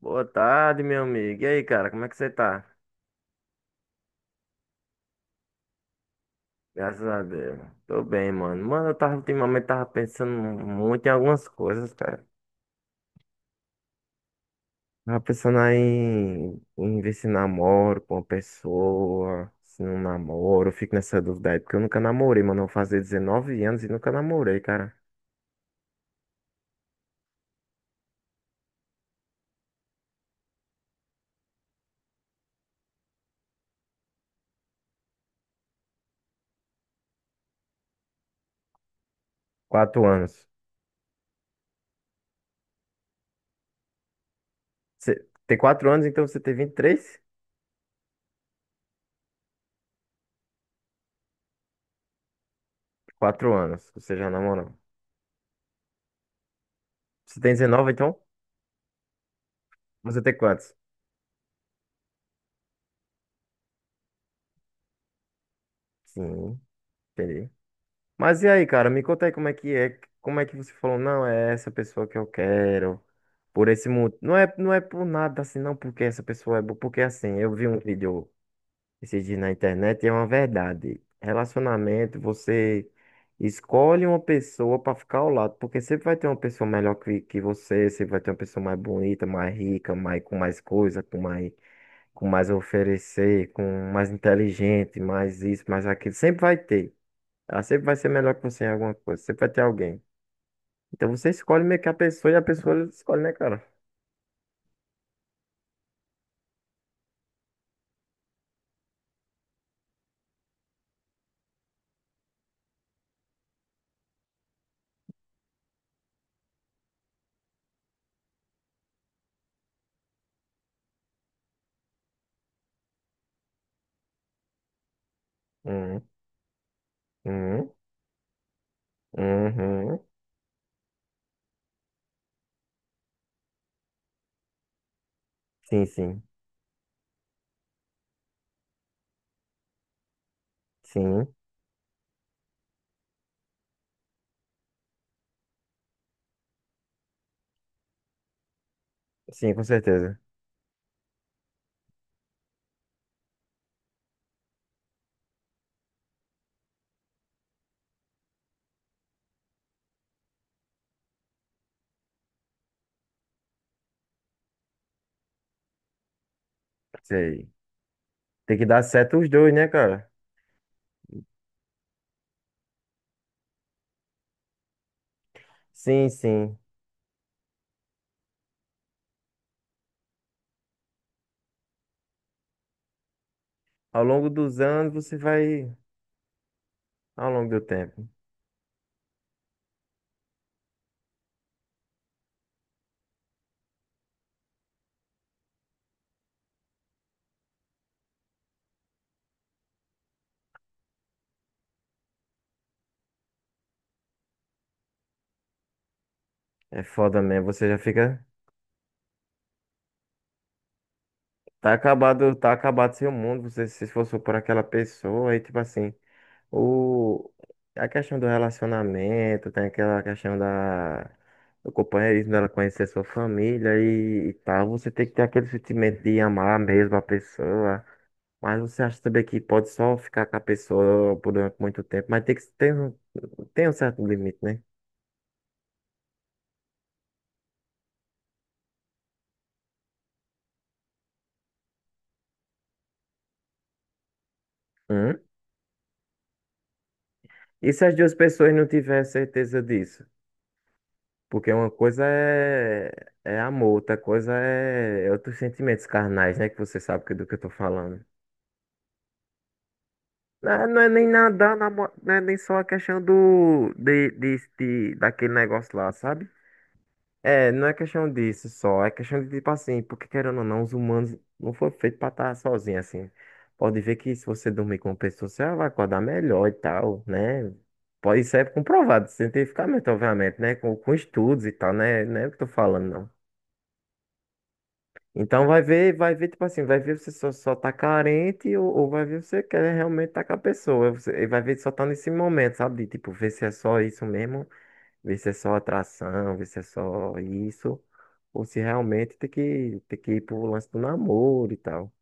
Boa tarde, meu amigo. E aí, cara, como é que você tá? Graças a Deus. Tô bem, mano. Mano, eu tava ultimamente tava pensando muito em algumas coisas, cara. Tava pensando aí em ver se namoro com uma pessoa, se não namoro. Eu fico nessa dúvida aí, porque eu nunca namorei, mano. Eu vou fazer 19 anos e nunca namorei, cara. 4 anos. Você tem 4 anos, então você tem 23? 4 anos que você já namorou. Você tem 19 então? Você tem quantos? Sim, entendi. Mas e aí, cara, me conta aí como é que é, como é que você falou, não, é essa pessoa que eu quero, por esse mundo. Não é por nada assim, não, porque essa pessoa é boa, porque assim, eu vi um vídeo esses dias na internet e é uma verdade. Relacionamento, você escolhe uma pessoa pra ficar ao lado, porque sempre vai ter uma pessoa melhor que você, sempre vai ter uma pessoa mais bonita, mais rica, mais, com mais coisa, com mais a oferecer, com mais inteligente, mais isso, mais aquilo, sempre vai ter. Ela sempre vai ser melhor que você em alguma coisa. Sempre vai ter alguém. Então você escolhe meio que a pessoa e a pessoa escolhe, né, cara? Uhum, uhum, uhum. Sim, sim. Sim, sim, com certeza. Sei. Tem que dar certo os dois, né, cara? Sim, sim. Ao longo dos anos você vai. Ao longo do tempo. É foda mesmo. Você já fica. Tá acabado seu mundo. Você se esforçou por aquela pessoa. Aí, tipo assim. O, a questão do relacionamento, tem aquela questão da, do companheirismo dela conhecer sua família e tal. Você tem que ter aquele sentimento de amar mesmo a pessoa. Mas você acha também que pode só ficar com a pessoa por muito tempo, mas tem que ter um, tem um certo limite, né? Hum? E se as duas pessoas não tiverem certeza disso? Porque uma coisa é amor, outra coisa é outros sentimentos carnais, né? Que você sabe é do que eu tô falando. Não, não é nem nada, não é nem só a questão do, de- daquele negócio lá, sabe? É, não é questão disso só, é questão de tipo assim, porque querendo ou não, os humanos não foram feitos pra estar sozinhos assim. Pode ver que se você dormir com uma pessoa, você vai acordar melhor e tal, né? Pode, isso é comprovado cientificamente, obviamente, né? Com estudos e tal, né? Não é o que eu tô falando, não. Então vai ver, tipo assim, vai ver você só tá carente ou vai ver você quer realmente tá com a pessoa. E vai ver só tá nesse momento, sabe? De, tipo, ver se é só isso mesmo, ver se é só atração, ver se é só isso, ou se realmente tem que ir pro lance do namoro e tal.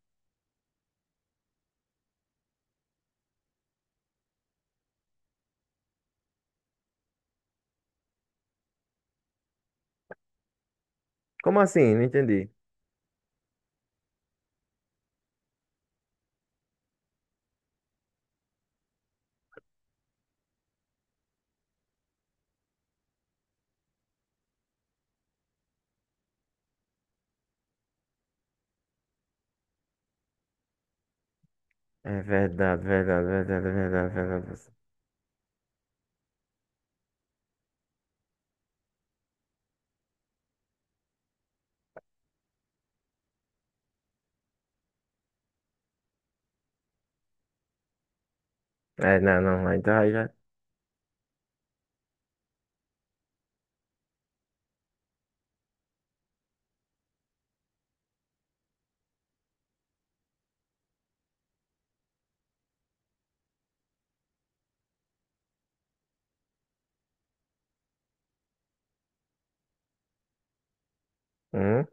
Como assim? Não entendi. É verdade, verdade, verdade, verdade, verdade. É, não, não, aí tá, aí já. Hum?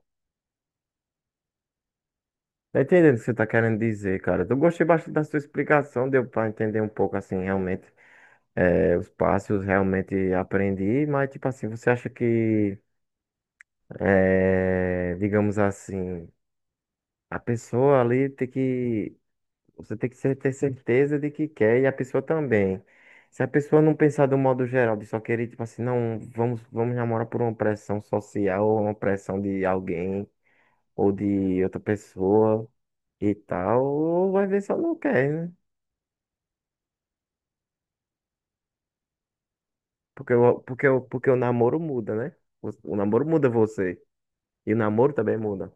Tá entendendo o que você tá querendo dizer, cara. Eu gostei bastante da sua explicação, deu pra entender um pouco assim, realmente. É, os passos realmente aprendi, mas tipo assim, você acha que, é, digamos assim, a pessoa ali tem que, você tem que ter certeza de que quer e a pessoa também. Se a pessoa não pensar do modo geral, de só querer, tipo assim, não, vamos namorar por uma pressão social ou uma pressão de alguém ou de outra pessoa e tal, ou vai ver se ela não quer, né? Porque o namoro muda, né? O namoro muda você e o namoro também muda.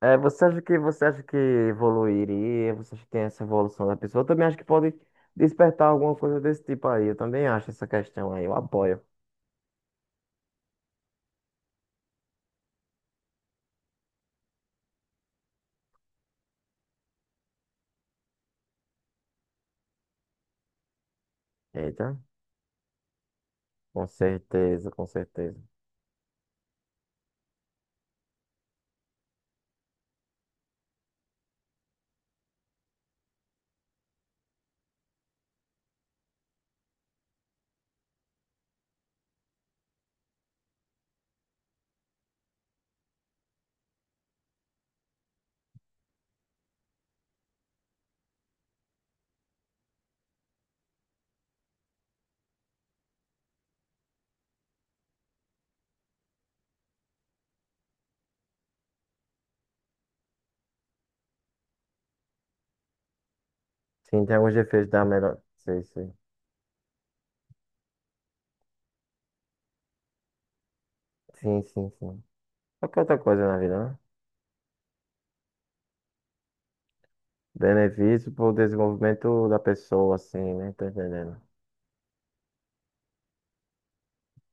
É, você acha que evoluiria? Você acha que tem essa evolução da pessoa? Eu também acho que pode despertar alguma coisa desse tipo aí. Eu também acho essa questão aí. Eu apoio. Eita, com certeza, com certeza. Sim, tem alguns efeitos da melhor. Sei, sei. Sim, sim, sim. Qualquer outra coisa na vida, né? Benefício pro desenvolvimento da pessoa, assim, né? Tá entendendo?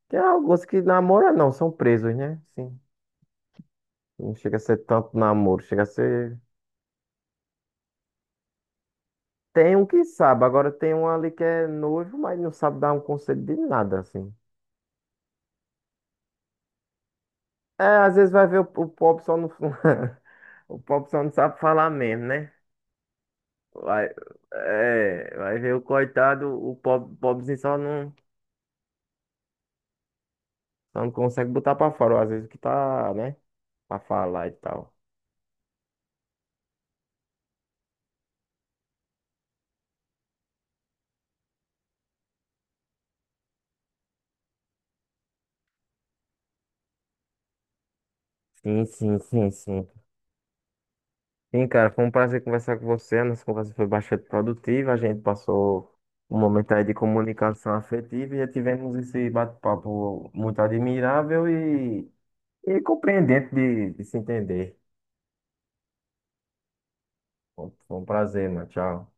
Tem alguns que namoram, não, são presos, né? Sim. Não chega a ser tanto namoro, chega a ser. Tem um que sabe, agora tem um ali que é noivo, mas não sabe dar um conselho de nada, assim. É, às vezes vai ver o pobre só não. O pobre só não sabe falar mesmo, né? Vai, vai ver o coitado, o pobre, pobrezinho só não consegue botar pra fora, ou às vezes o que tá, né? Pra falar e tal. Sim, sim, sim, sim. Sim, cara, foi um prazer conversar com você. A nossa conversa foi bastante produtiva. A gente passou um momento aí de comunicação afetiva e tivemos esse bate-papo muito admirável e compreendente de se entender. Foi um prazer, mano. Tchau.